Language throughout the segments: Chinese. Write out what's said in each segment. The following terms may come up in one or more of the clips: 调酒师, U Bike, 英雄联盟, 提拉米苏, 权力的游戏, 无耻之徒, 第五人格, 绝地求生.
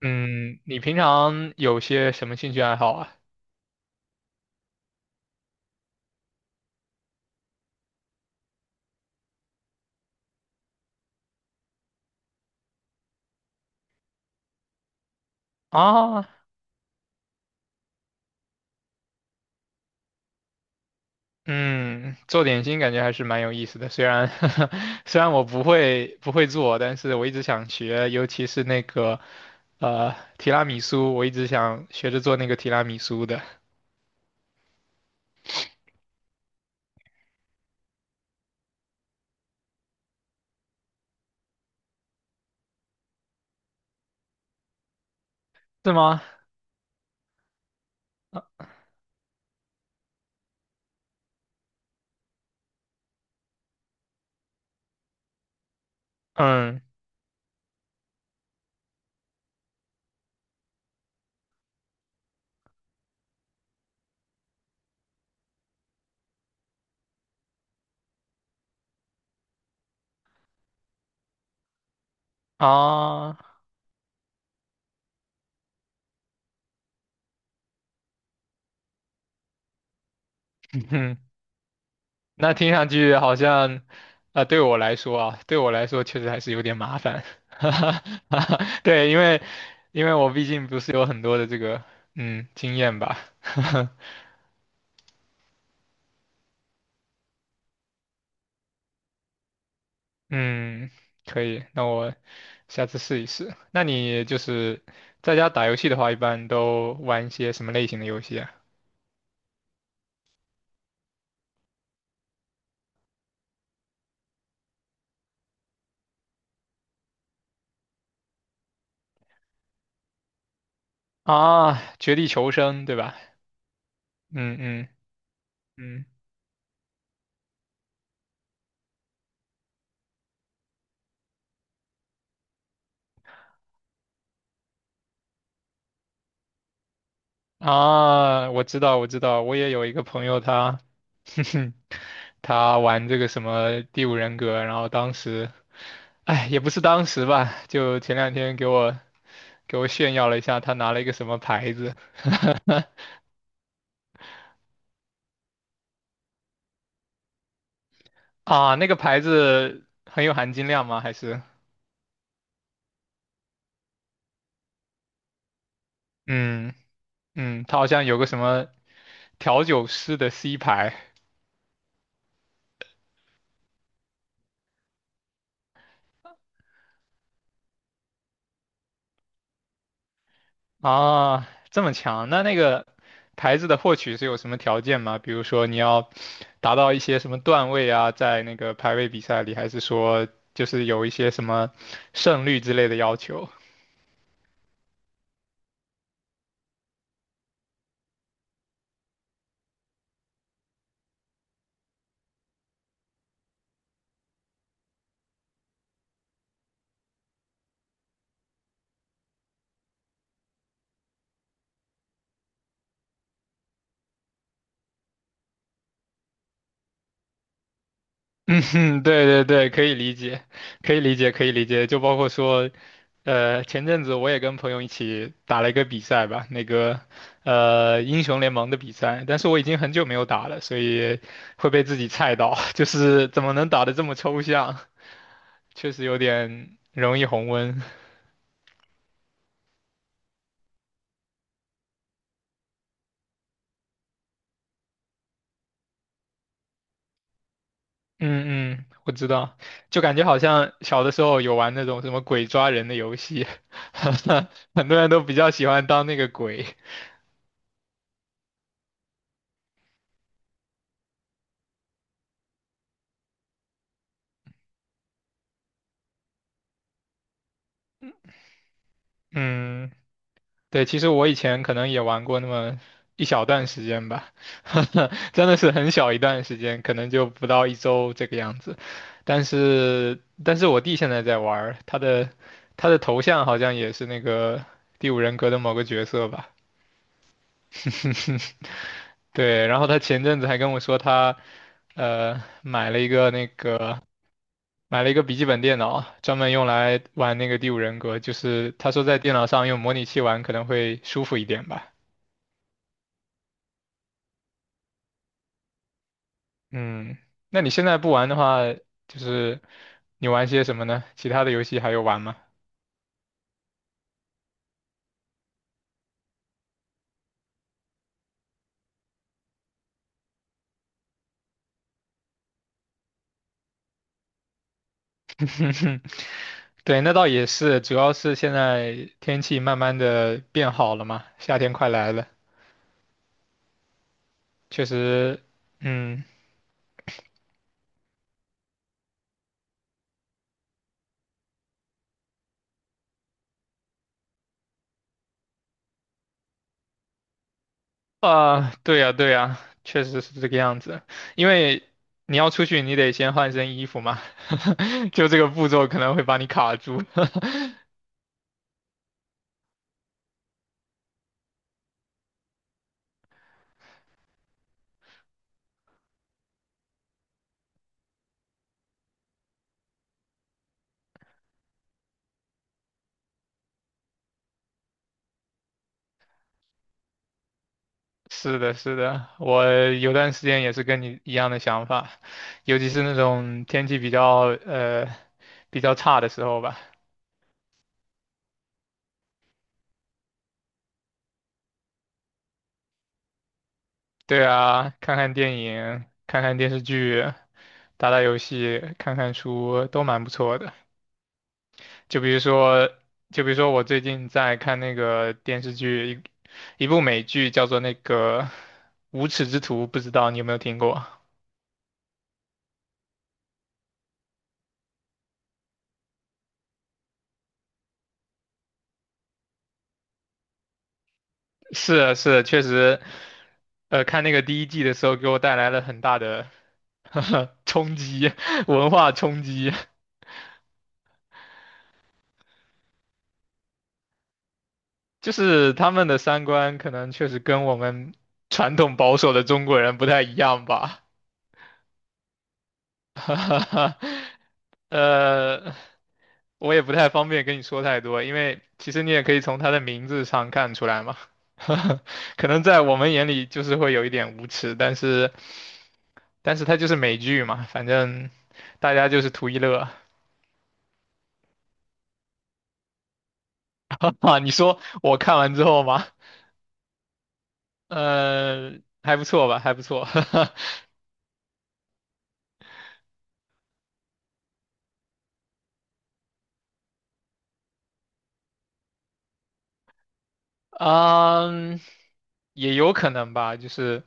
嗯，你平常有些什么兴趣爱好啊？啊，嗯，做点心感觉还是蛮有意思的，虽然 虽然我不会做，但是我一直想学，尤其是那个提拉米苏，我一直想学着做那个提拉米苏的，是吗？嗯啊，那听上去好像，啊、对我来说确实还是有点麻烦，哈哈哈对，因为我毕竟不是有很多的这个经验吧，嗯，可以，那我下次试一试。那你就是在家打游戏的话，一般都玩一些什么类型的游戏啊？啊，绝地求生，对吧？嗯嗯嗯。啊，我知道，我知道，我也有一个朋友他，哼哼他玩这个什么《第五人格》，然后当时，哎，也不是当时吧，就前两天给我炫耀了一下，他拿了一个什么牌子，啊，那个牌子很有含金量吗？还是，嗯嗯，他好像有个什么调酒师的 C 牌，啊，这么强？那那个牌子的获取是有什么条件吗？比如说你要达到一些什么段位啊，在那个排位比赛里，还是说就是有一些什么胜率之类的要求？嗯哼，对对对，可以理解，可以理解，可以理解。就包括说，呃，前阵子我也跟朋友一起打了一个比赛吧，那个英雄联盟的比赛，但是我已经很久没有打了，所以会被自己菜到，就是怎么能打得这么抽象？确实有点容易红温。嗯嗯，我知道，就感觉好像小的时候有玩那种什么鬼抓人的游戏，很多人都比较喜欢当那个鬼。嗯，对，其实我以前可能也玩过那么一小段时间吧，真的是很小一段时间，可能就不到一周这个样子。但是我弟现在在玩儿他的他的头像好像也是那个《第五人格》的某个角色吧。对，然后他前阵子还跟我说他，呃，买了一个那个买了一个笔记本电脑，专门用来玩那个《第五人格》，就是他说在电脑上用模拟器玩可能会舒服一点吧。嗯，那你现在不玩的话，就是你玩些什么呢？其他的游戏还有玩吗？对，那倒也是，主要是现在天气慢慢的变好了嘛，夏天快来了，确实，嗯，啊，对呀，对呀，确实是这个样子。因为你要出去，你得先换身衣服嘛，就这个步骤可能会把你卡住。是的，是的，我有段时间也是跟你一样的想法，尤其是那种天气比较比较差的时候吧。对啊，看看电影，看看电视剧，打打游戏，看看书，都蛮不错的。就比如说，就比如说我最近在看那个电视剧，一部美剧叫做那个《无耻之徒》，不知道你有没有听过？是啊是啊，确实，呃，看那个第一季的时候，给我带来了很大的 冲击，文化冲击。就是他们的三观可能确实跟我们传统保守的中国人不太一样吧。哈哈哈，呃，我也不太方便跟你说太多，因为其实你也可以从他的名字上看出来嘛。可能在我们眼里就是会有一点无耻，但是他就是美剧嘛，反正大家就是图一乐。哈你说我看完之后吗？呃，还不错吧，还不错。嗯，也有可能吧，就是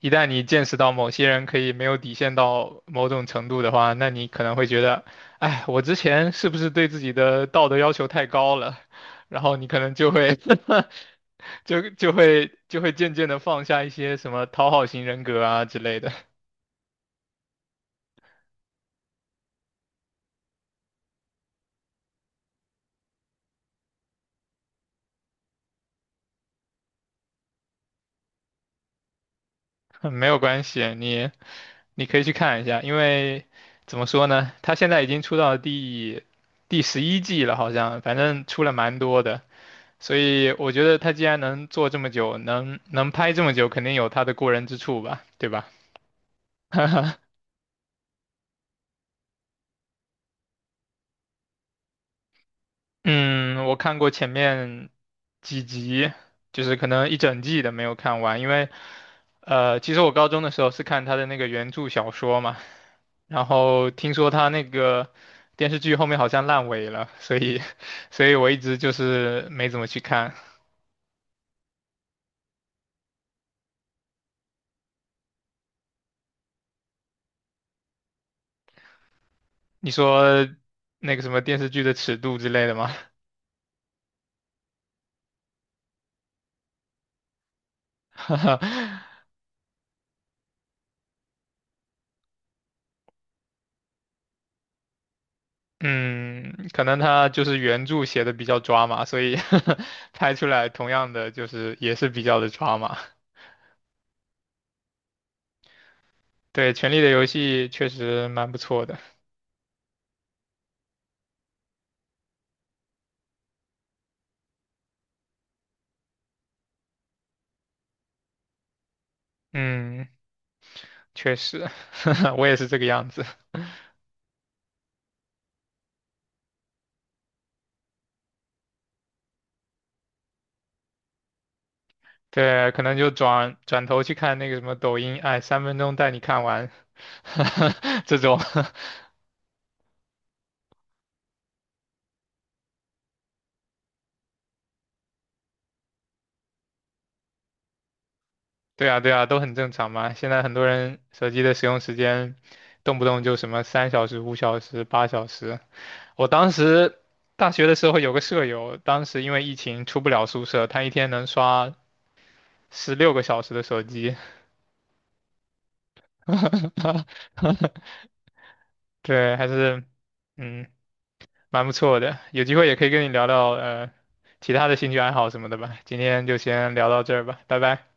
一旦你见识到某些人可以没有底线到某种程度的话，那你可能会觉得，哎，我之前是不是对自己的道德要求太高了？然后你可能就会 就会渐渐的放下一些什么讨好型人格啊之类的，没有关系，你你可以去看一下，因为怎么说呢，他现在已经出到第十一季了，好像反正出了蛮多的。所以我觉得他既然能做这么久，能拍这么久，肯定有他的过人之处吧，对吧？嗯，我看过前面几集，就是可能一整季的没有看完，因为呃，其实我高中的时候是看他的那个原著小说嘛，然后听说他那个电视剧后面好像烂尾了，所以 所以我一直就是没怎么去看。你说那个什么电视剧的尺度之类的吗？嗯，可能他就是原著写的比较抓嘛，所以 拍出来同样的就是也是比较的抓嘛。对，《权力的游戏》确实蛮不错的。嗯，确实，我也是这个样子。对，可能就转转头去看那个什么抖音，哎，3分钟带你看完，这种。对啊，对啊，都很正常嘛。现在很多人手机的使用时间，动不动就什么3小时、5小时、8小时。我当时大学的时候有个舍友，当时因为疫情出不了宿舍，他一天能刷16个小时的手机，对，还是嗯蛮不错的。有机会也可以跟你聊聊其他的兴趣爱好什么的吧。今天就先聊到这儿吧，拜拜。